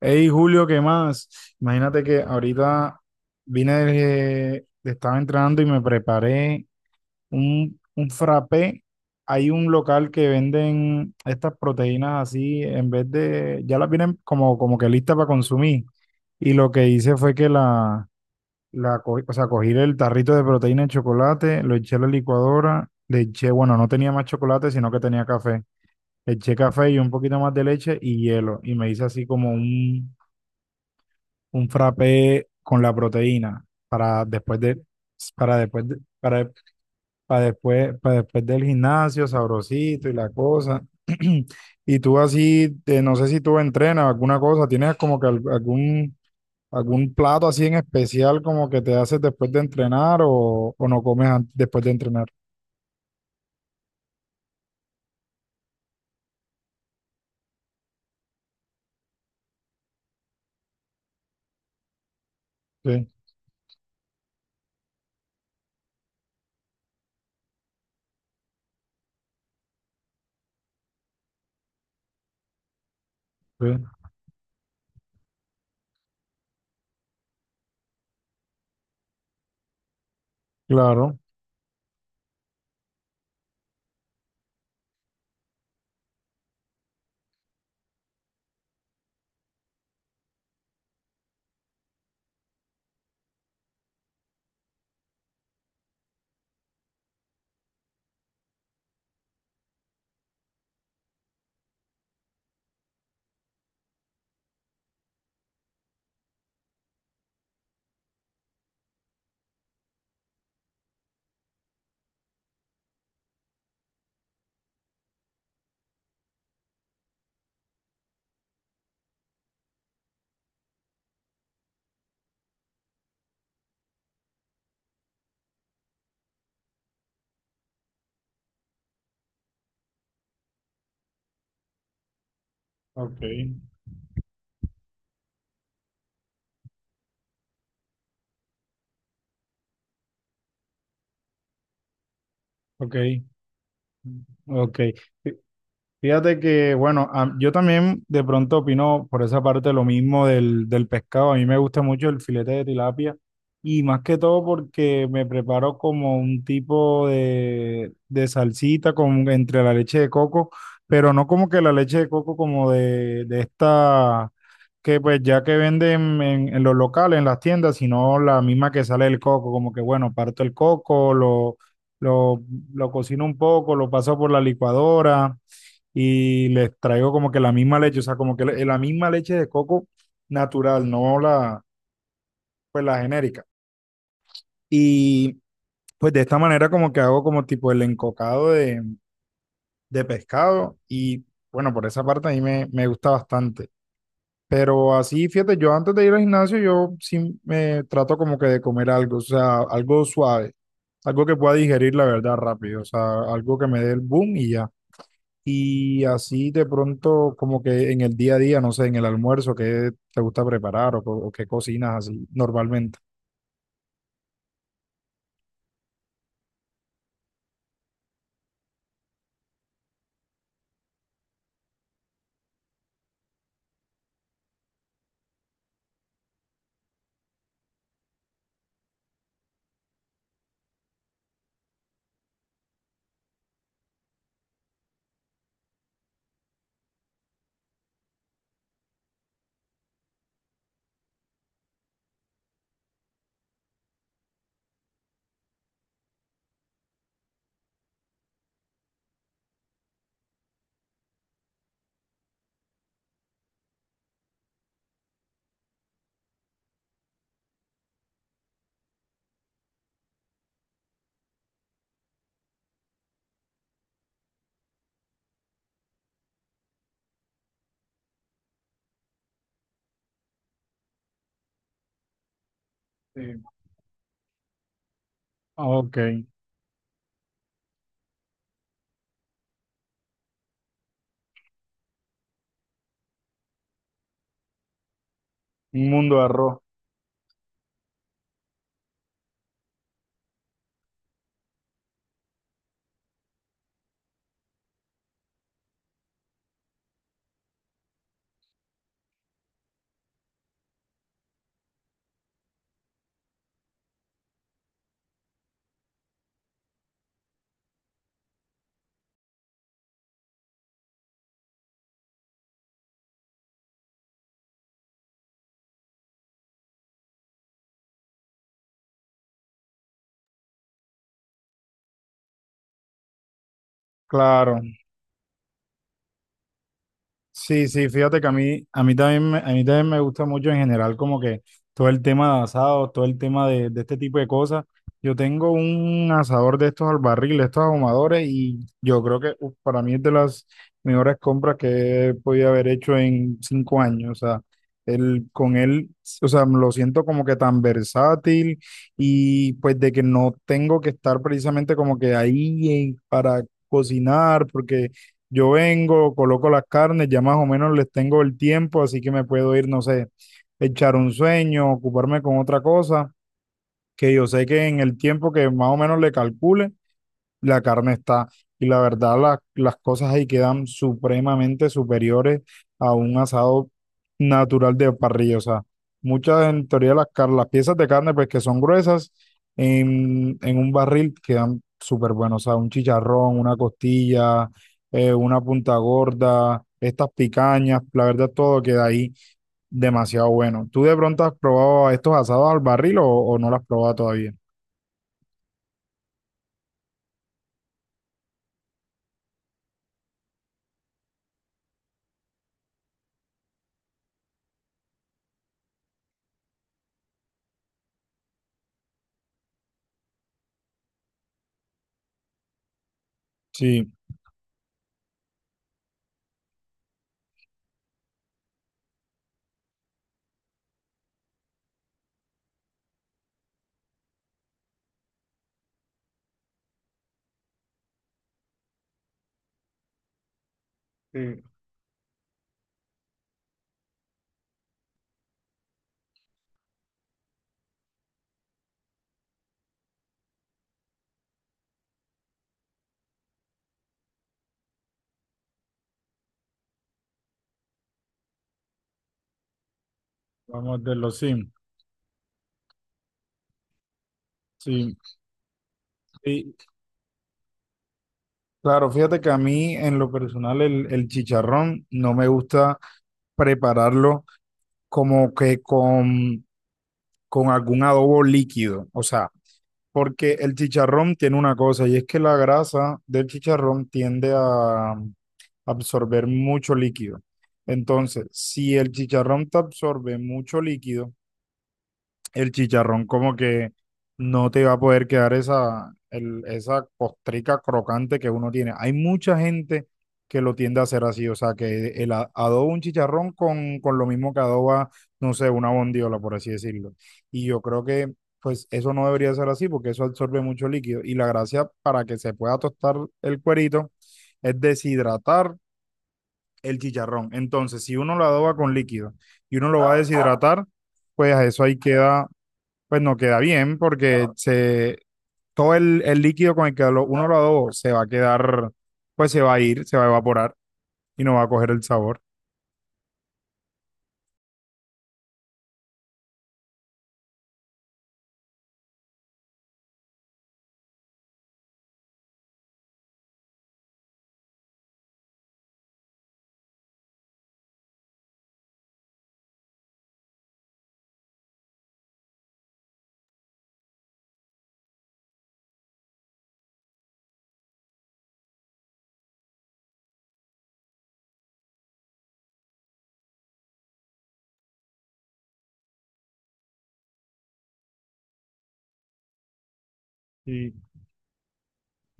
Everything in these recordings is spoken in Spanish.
Hey Julio, ¿qué más? Imagínate que ahorita vine estaba entrando y me preparé un frappé. Hay un local que venden estas proteínas así, en vez de, ya las vienen como que listas para consumir. Y lo que hice fue que o sea, cogí el tarrito de proteína de chocolate, lo eché a la licuadora, le eché, bueno, no tenía más chocolate, sino que tenía café. Le eché café y un poquito más de leche y hielo. Y me hice así como un frappé con la proteína para después de- para, para después del gimnasio, sabrosito y la cosa. Y tú así, no sé si tú entrenas alguna cosa, tienes como que algún plato así en especial como que te haces después de entrenar o no comes después de entrenar. Sí, sí, claro. Ok, ok, ok. Fíjate que, bueno, yo también de pronto opino por esa parte lo mismo del pescado. A mí me gusta mucho el filete de tilapia y más que todo porque me preparo como un tipo de salsita con, entre la leche de coco, pero no como que la leche de coco como de esta que pues ya que venden en los locales, en las tiendas, sino la misma que sale del coco, como que bueno, parto el coco, lo, lo cocino un poco, lo paso por la licuadora y les traigo como que la misma leche, o sea, como que la misma leche de coco natural, no la, pues la genérica. Y pues de esta manera como que hago como tipo el encocado de pescado y bueno, por esa parte a mí me gusta bastante. Pero así, fíjate, yo antes de ir al gimnasio, yo sí me trato como que de comer algo, o sea, algo suave, algo que pueda digerir la verdad rápido, o sea, algo que me dé el boom y ya. Y así de pronto, como que en el día a día, no sé, en el almuerzo, ¿qué te gusta preparar o, o qué cocinas así normalmente? Sí. Ah, ok, un mundo de arroz. Claro. Sí, sí, fíjate que a a mí también me gusta mucho en general como que todo el tema de asados, todo el tema de este tipo de cosas. Yo tengo un asador de estos al barril, de estos ahumadores y yo creo que uf, para mí es de las mejores compras que he podido haber hecho en 5 años. O sea, con él, o sea, lo siento como que tan versátil y pues de que no tengo que estar precisamente como que ahí para cocinar porque yo vengo, coloco las carnes, ya más o menos les tengo el tiempo, así que me puedo ir, no sé, echar un sueño, ocuparme con otra cosa, que yo sé que en el tiempo que más o menos le calcule, la carne está. Y la verdad, las cosas ahí quedan supremamente superiores a un asado natural de parrilla. O sea, muchas en teoría las piezas de carne, pues que son gruesas, en un barril quedan súper buenos. O sea, un chicharrón, una costilla, una punta gorda, estas picañas, la verdad, todo queda ahí demasiado bueno. ¿Tú de pronto has probado estos asados al barril o no lo has probado todavía? Sí, sí. Vamos de los sim. Sí, sí, claro, fíjate que a mí en lo personal el chicharrón no me gusta prepararlo como que con, algún adobo líquido, o sea, porque el chicharrón tiene una cosa y es que la grasa del chicharrón tiende a absorber mucho líquido. Entonces, si el chicharrón te absorbe mucho líquido, el chicharrón como que no te va a poder quedar esa costrica crocante que uno tiene. Hay mucha gente que lo tiende a hacer así, o sea, que el adoba un chicharrón con lo mismo que adoba, no sé, una bondiola, por así decirlo. Y yo creo que pues eso no debería ser así porque eso absorbe mucho líquido. Y la gracia para que se pueda tostar el cuerito es deshidratar el chicharrón. Entonces, si uno lo adoba con líquido y uno lo va a deshidratar, pues a eso ahí queda pues no queda bien porque se, todo el líquido con el que uno lo adobó se va a quedar, pues se va a ir, se va a evaporar y no va a coger el sabor.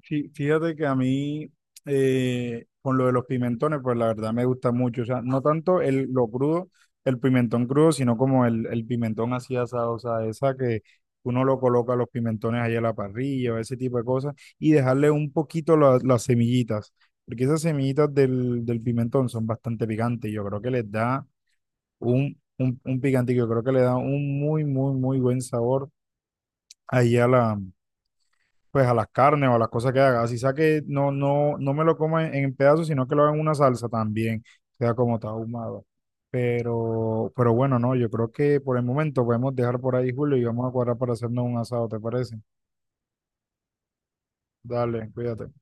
Fíjate que a mí, con lo de los pimentones, pues la verdad me gusta mucho. O sea, no tanto lo crudo, el pimentón crudo, sino como el pimentón así asado. O sea, esa que uno lo coloca los pimentones ahí a la parrilla o ese tipo de cosas. Y dejarle un poquito las semillitas. Porque esas semillitas del pimentón son bastante picantes. Yo creo que les da un picantico. Yo creo que le da un muy, muy, muy buen sabor ahí pues a las carnes o a las cosas que haga. Así sea que no, no, no me lo coma en pedazos, sino que lo haga en una salsa también, sea como está ahumado. Pero bueno, no, yo creo que por el momento podemos dejar por ahí, Julio, y vamos a cuadrar para hacernos un asado, ¿te parece? Dale, cuídate.